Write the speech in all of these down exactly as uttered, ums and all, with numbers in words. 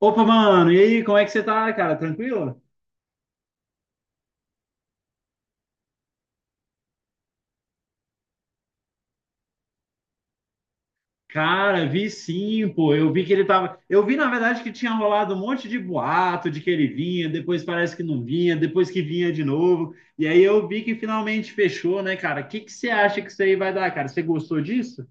Opa, mano, e aí, como é que você tá, cara? Tranquilo? Cara, vi sim, pô. Eu vi que ele tava. Eu vi, na verdade, que tinha rolado um monte de boato de que ele vinha, depois parece que não vinha, depois que vinha de novo. E aí eu vi que finalmente fechou, né, cara? O que que você acha que isso aí vai dar, cara? Você gostou disso?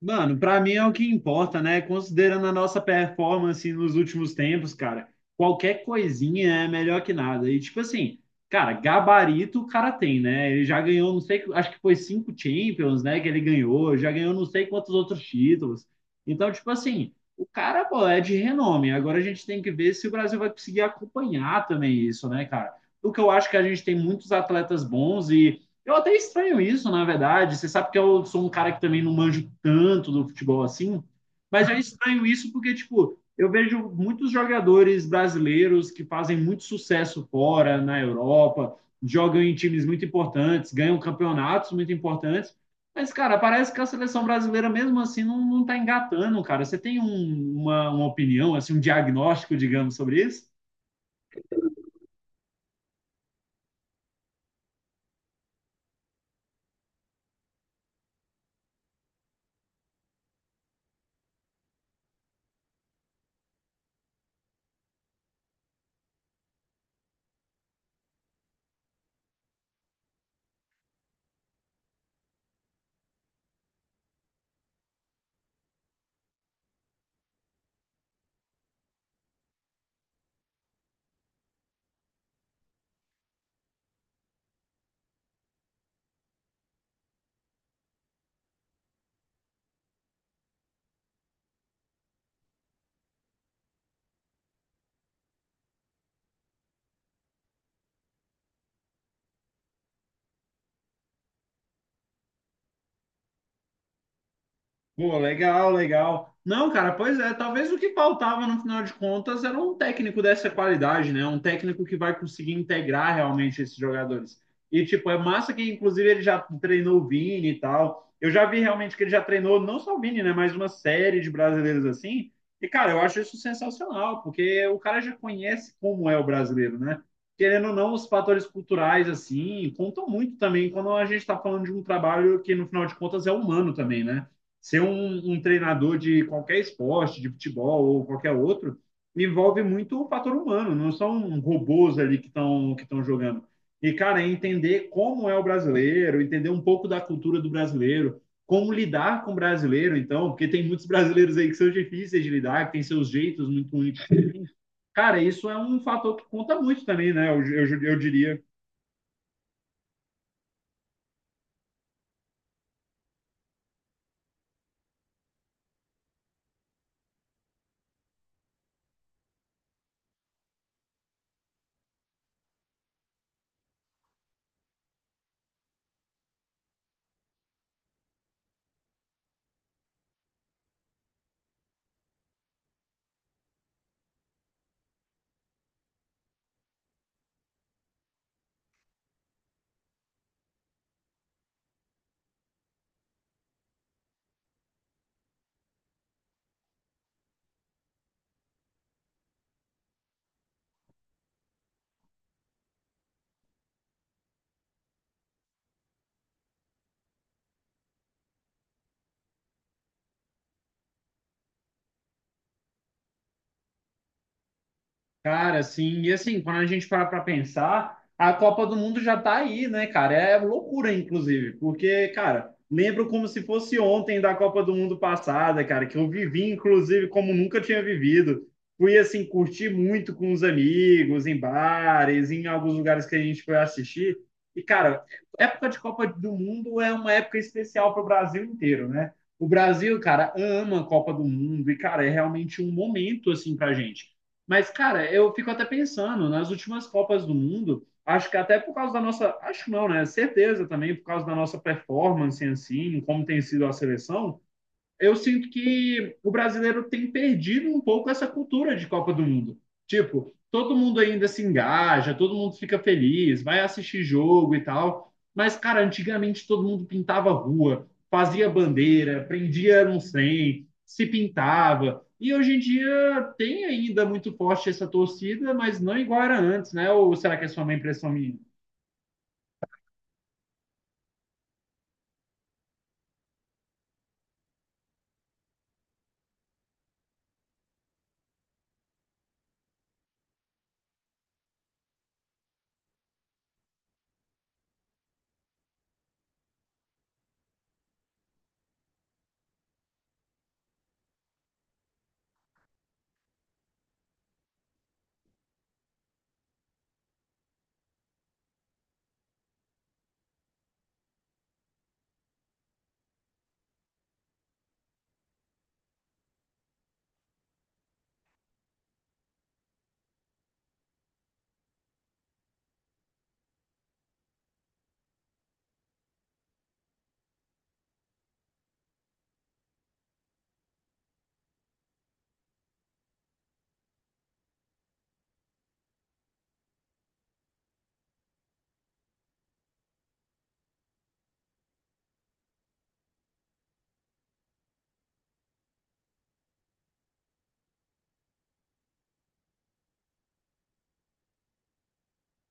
Mano, pra mim é o que importa, né? Considerando a nossa performance nos últimos tempos, cara, qualquer coisinha é melhor que nada. E tipo assim, cara, gabarito o cara tem, né? Ele já ganhou, não sei, acho que foi cinco Champions, né? Que ele ganhou, já ganhou não sei quantos outros títulos. Então, tipo assim, o cara, pô, é de renome. Agora a gente tem que ver se o Brasil vai conseguir acompanhar também isso, né, cara? O que eu acho que a gente tem muitos atletas bons e eu até estranho isso, na verdade. Você sabe que eu sou um cara que também não manjo tanto do futebol assim, mas eu estranho isso porque, tipo, eu vejo muitos jogadores brasileiros que fazem muito sucesso fora, na Europa, jogam em times muito importantes, ganham campeonatos muito importantes, mas, cara, parece que a seleção brasileira, mesmo assim, não, não tá engatando, cara. Você tem um- uma, uma opinião, assim, um diagnóstico, digamos, sobre isso? Pô, legal, legal. Não, cara, pois é, talvez o que faltava no final de contas era um técnico dessa qualidade, né? Um técnico que vai conseguir integrar realmente esses jogadores. E, tipo, é massa que, inclusive, ele já treinou o Vini e tal. Eu já vi realmente que ele já treinou, não só o Vini, né? Mas uma série de brasileiros assim. E, cara, eu acho isso sensacional, porque o cara já conhece como é o brasileiro, né? Querendo ou não, os fatores culturais, assim, contam muito também quando a gente está falando de um trabalho que, no final de contas, é humano também, né? ser um, um treinador de qualquer esporte, de futebol ou qualquer outro, envolve muito o fator humano, não são robôs ali que estão que estão jogando. E, cara, é entender como é o brasileiro, entender um pouco da cultura do brasileiro, como lidar com o brasileiro, então, porque tem muitos brasileiros aí que são difíceis de lidar, que têm seus jeitos muito únicos. Cara, isso é um fator que conta muito também, né? Eu, eu, eu diria. Cara, assim, e assim, quando a gente para para pensar, a Copa do Mundo já tá aí, né, cara? É loucura, inclusive, porque, cara, lembro como se fosse ontem da Copa do Mundo passada, cara, que eu vivi, inclusive, como nunca tinha vivido. Fui, assim, curtir muito com os amigos, em bares, em alguns lugares que a gente foi assistir. E, cara, época de Copa do Mundo é uma época especial para o Brasil inteiro, né? O Brasil, cara, ama a Copa do Mundo e, cara, é realmente um momento, assim, pra gente. Mas, cara, eu fico até pensando, nas últimas Copas do Mundo, acho que até por causa da nossa, acho não, né? Certeza também, por causa da nossa performance em si, em como tem sido a seleção, eu sinto que o brasileiro tem perdido um pouco essa cultura de Copa do Mundo. Tipo, todo mundo ainda se engaja, todo mundo fica feliz, vai assistir jogo e tal. Mas, cara, antigamente todo mundo pintava rua, fazia bandeira, prendia não sei, se pintava. E hoje em dia tem ainda muito forte essa torcida, mas não igual era antes, né? Ou será que é só uma impressão minha?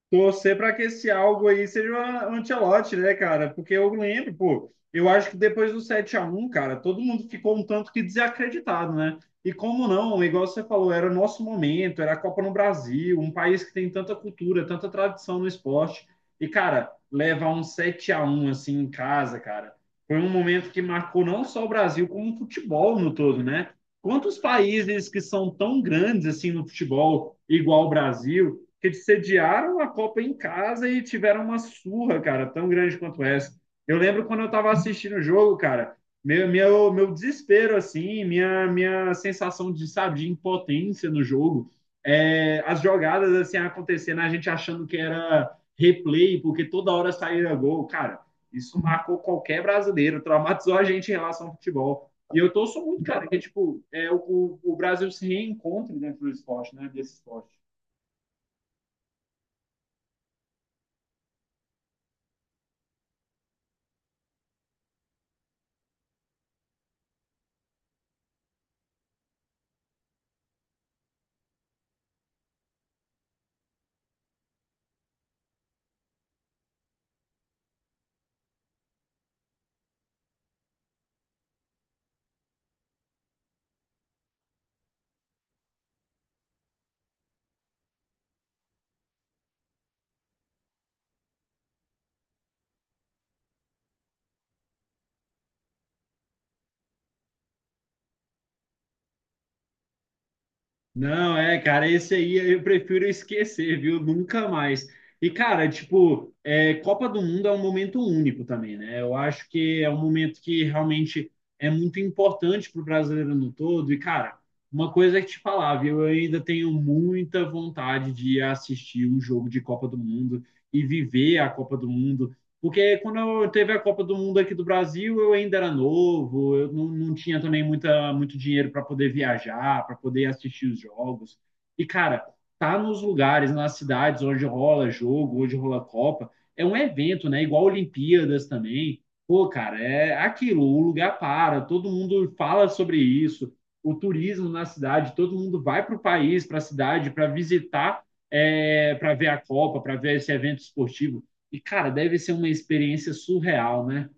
Torcer para que esse algo aí seja o Ancelotti, né, cara? Porque eu lembro, pô, eu acho que depois do sete a um cara, todo mundo ficou um tanto que desacreditado, né? E como não, igual você falou, era o nosso momento, era a Copa no Brasil, um país que tem tanta cultura, tanta tradição no esporte. E, cara, levar um sete a um assim em casa, cara, foi um momento que marcou não só o Brasil, como o futebol no todo, né? Quantos países que são tão grandes assim no futebol, igual o Brasil? Que eles sediaram a Copa em casa e tiveram uma surra, cara, tão grande quanto essa. Eu lembro quando eu estava assistindo o jogo, cara, meu, meu, meu desespero, assim, minha, minha sensação de, sabe, de impotência no jogo, é, as jogadas, assim, acontecendo, a gente achando que era replay, porque toda hora saía gol, cara, isso marcou qualquer brasileiro, traumatizou a gente em relação ao futebol. E eu torço muito, cara, que, tipo, é, o, o Brasil se reencontre dentro do esporte, né, desse esporte. Não, é, cara, esse aí eu prefiro esquecer, viu? Nunca mais. E, cara, tipo, é, Copa do Mundo é um momento único também, né? Eu acho que é um momento que realmente é muito importante para o brasileiro no todo. E, cara, uma coisa é te falar, viu? Eu ainda tenho muita vontade de assistir um jogo de Copa do Mundo e viver a Copa do Mundo. Porque quando eu teve a Copa do Mundo aqui do Brasil, eu ainda era novo, eu não, não tinha também muita, muito dinheiro para poder viajar, para poder assistir os jogos. E, cara, tá nos lugares, nas cidades onde rola jogo, onde rola Copa, é um evento, né? Igual Olimpíadas também. Pô, cara, é aquilo, o lugar para, todo mundo fala sobre isso, o turismo na cidade, todo mundo vai para o país, para a cidade, para visitar, é, para ver a Copa, para ver esse evento esportivo. E, cara, deve ser uma experiência surreal, né?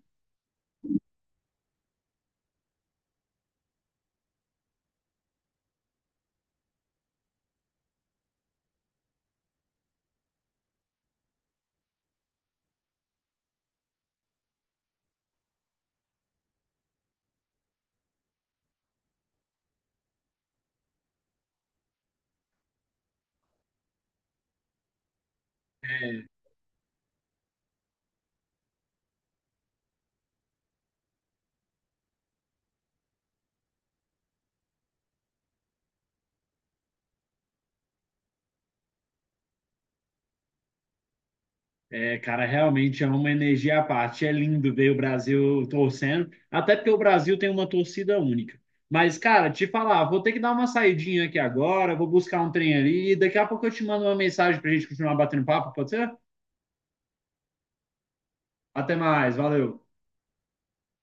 É, cara, realmente é uma energia à parte. É lindo ver o Brasil torcendo, até porque o Brasil tem uma torcida única. Mas, cara, te falar, vou ter que dar uma saidinha aqui agora, vou buscar um trem ali, e daqui a pouco eu te mando uma mensagem pra gente continuar batendo papo, pode ser? Até mais, valeu.